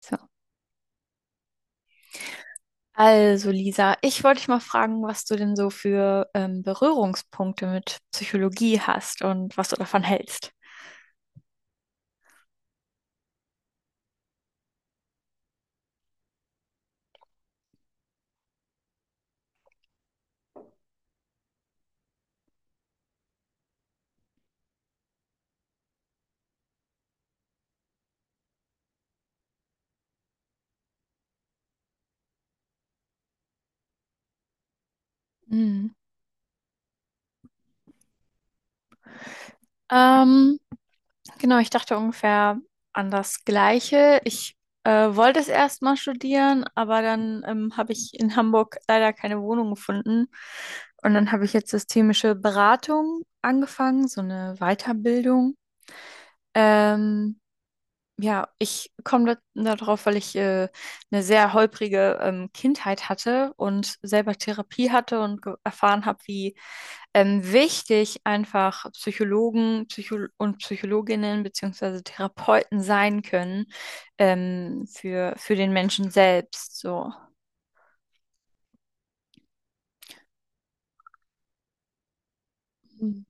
So. Also, Lisa, ich wollte dich mal fragen, was du denn so für Berührungspunkte mit Psychologie hast und was du davon hältst. Mhm. Ähm, genau, ich dachte ungefähr an das Gleiche. Ich wollte es erst mal studieren, aber dann habe ich in Hamburg leider keine Wohnung gefunden. Und dann habe ich jetzt systemische Beratung angefangen, so eine Weiterbildung. Ähm, Ja, ich darauf, weil ich eine sehr holprige Kindheit hatte und selber Therapie hatte und erfahren habe, wie wichtig einfach Psychologen Psycho und Psychologinnen beziehungsweise Therapeuten sein können, für den Menschen selbst. So. Mhm.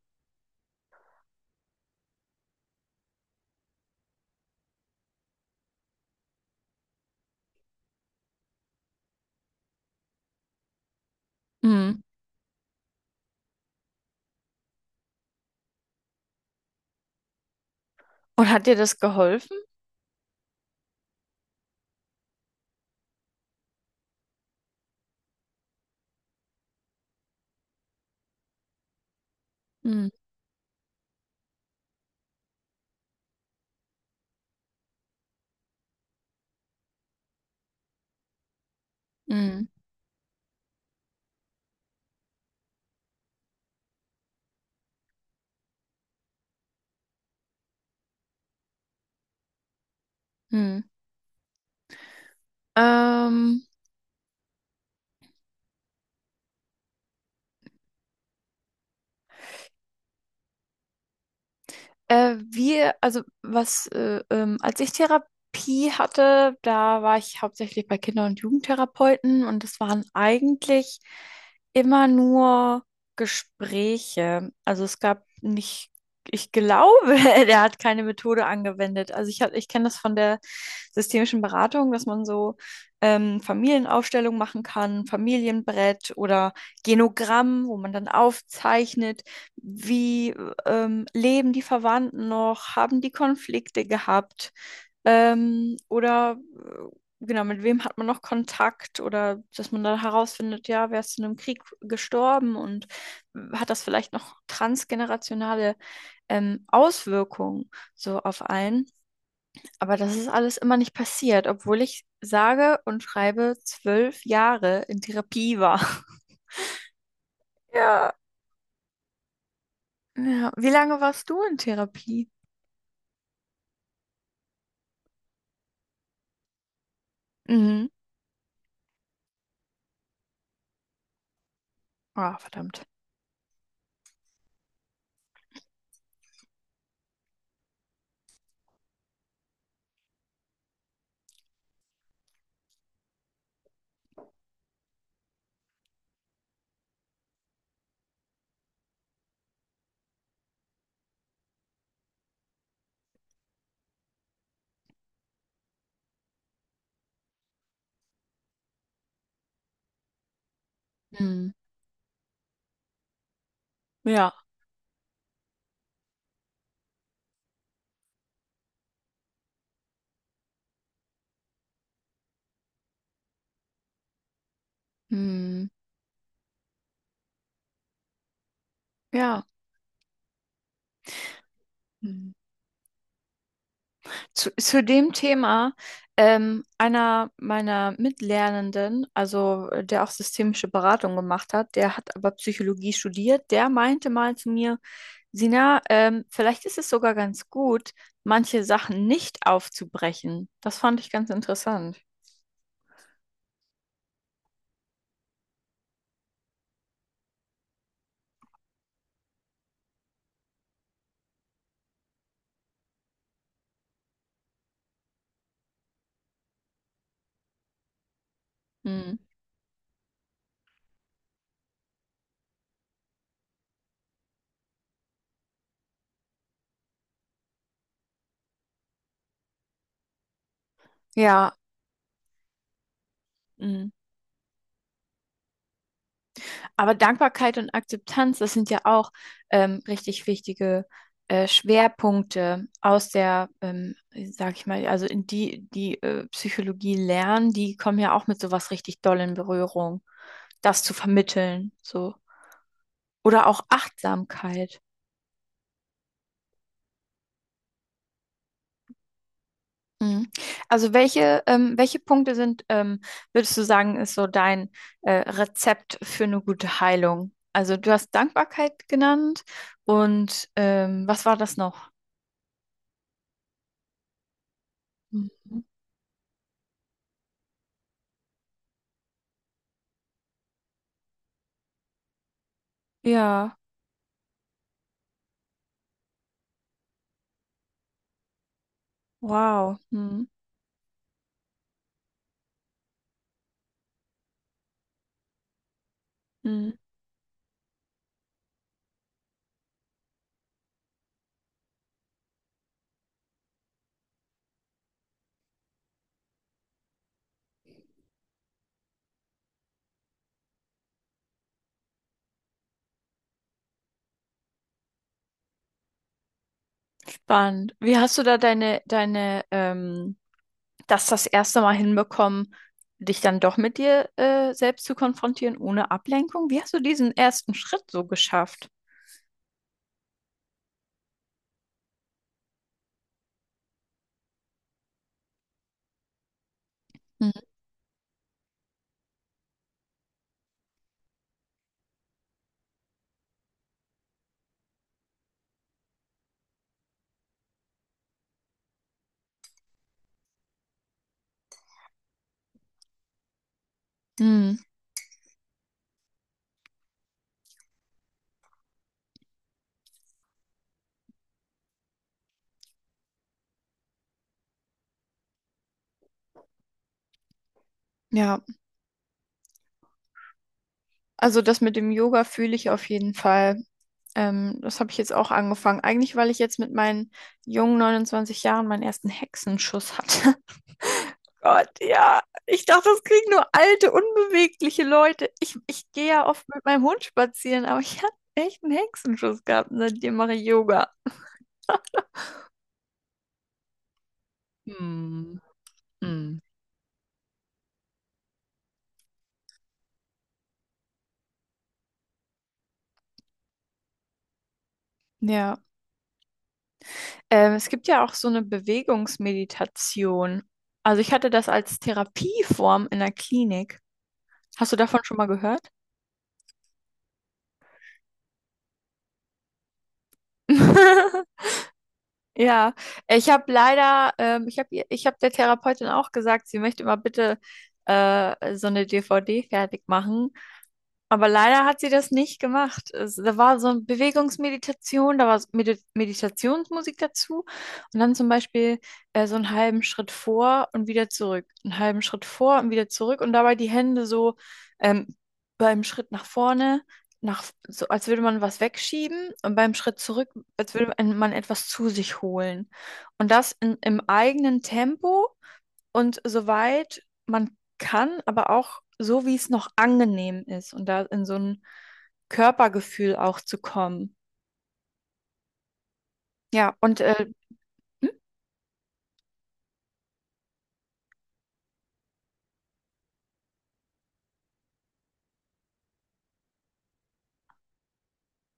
Mhm. Und hat dir das geholfen? Mhm. Mhm. Mhm. Ähm, Wir, als ich Therapie hatte, da war ich hauptsächlich bei Kinder- und Jugendtherapeuten, und es waren eigentlich immer nur Gespräche. Also es gab nicht, ich glaube, der hat keine Methode angewendet. Also ich kenne das von der systemischen Beratung, dass man so Familienaufstellung machen kann, Familienbrett oder Genogramm, wo man dann aufzeichnet, wie leben die Verwandten noch, haben die Konflikte gehabt, oder genau, mit wem hat man noch Kontakt, oder dass man dann herausfindet, ja, wer ist in einem Krieg gestorben und hat das vielleicht noch transgenerationale Auswirkungen so auf einen. Aber das ist alles immer nicht passiert, obwohl ich sage und schreibe zwölf Jahre in Therapie war. Ja, ja. Wie lange warst du in Therapie? Mhm. Ah, verdammt. Mhm. Ja. Hm. Ja. Hm. Zu dem Thema, einer meiner Mitlernenden, der auch systemische Beratung gemacht hat, der hat aber Psychologie studiert, der meinte mal zu mir: Sina, vielleicht ist es sogar ganz gut, manche Sachen nicht aufzubrechen. Das fand ich ganz interessant. Hm. Ja, hm. Aber Dankbarkeit und Akzeptanz, das sind ja auch richtig wichtige Schwerpunkte aus der sag ich mal, also in die, die Psychologie lernen, die kommen ja auch mit sowas richtig doll in Berührung, das zu vermitteln, so. Oder auch Achtsamkeit. Mhm. Also welche, welche Punkte sind, würdest du sagen, ist so dein Rezept für eine gute Heilung? Also du hast Dankbarkeit genannt, und was war das noch? Mhm. Ja, wow. Hm. Hm. Spannend. Wie hast du da deine das erste Mal hinbekommen, dich dann doch mit dir selbst zu konfrontieren, ohne Ablenkung? Wie hast du diesen ersten Schritt so geschafft? Mhm. Hm. Ja, also das mit dem Yoga fühle ich auf jeden Fall. Das habe ich jetzt auch angefangen. Eigentlich, weil ich jetzt mit meinen jungen 29 Jahren meinen ersten Hexenschuss hatte. Gott, ja. Ich dachte, das kriegen nur alte, unbewegliche Leute. Ich gehe ja oft mit meinem Hund spazieren, aber ich habe echt einen Hexenschuss gehabt, und seitdem mache ich Yoga. Hm. Hm. Ja, es gibt ja auch so eine Bewegungsmeditation. Also ich hatte das als Therapieform in der Klinik. Hast du davon schon mal gehört? Ja, ich habe leider, ich hab der Therapeutin auch gesagt, sie möchte mal bitte so eine DVD fertig machen. Aber leider hat sie das nicht gemacht. Es, da war so eine Bewegungsmeditation, da war so Meditationsmusik dazu, und dann zum Beispiel so einen halben Schritt vor und wieder zurück, einen halben Schritt vor und wieder zurück, und dabei die Hände so, ähm, beim Schritt nach vorne, nach, so als würde man was wegschieben, und beim Schritt zurück, als würde man etwas zu sich holen. Und das im eigenen Tempo und soweit man kann, aber auch so, wie es noch angenehm ist, und da in so ein Körpergefühl auch zu kommen. Ja, und hm?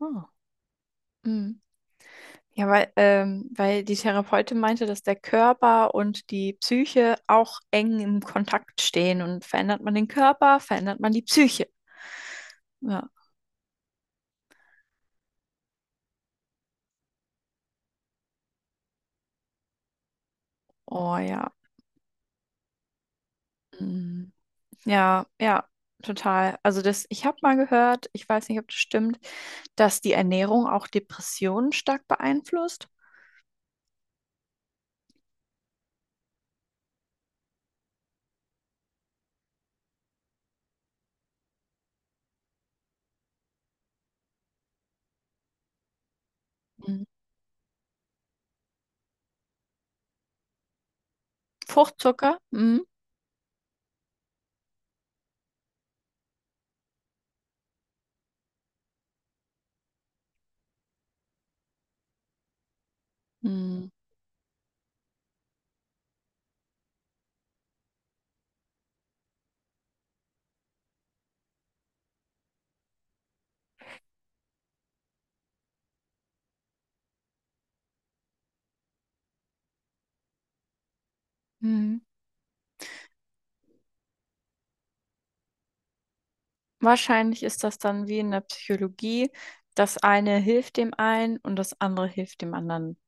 Oh. Mm. Ja, weil, weil die Therapeutin meinte, dass der Körper und die Psyche auch eng im Kontakt stehen, und verändert man den Körper, verändert man die Psyche. Ja. Oh ja. Mm. Ja, ja, total. Also das, ich habe mal gehört, ich weiß nicht, ob das stimmt, dass die Ernährung auch Depressionen stark beeinflusst. Mhm. Fruchtzucker. Mhm. Mhm. Mhm. Wahrscheinlich ist das dann wie in der Psychologie: Das eine hilft dem einen und das andere hilft dem anderen.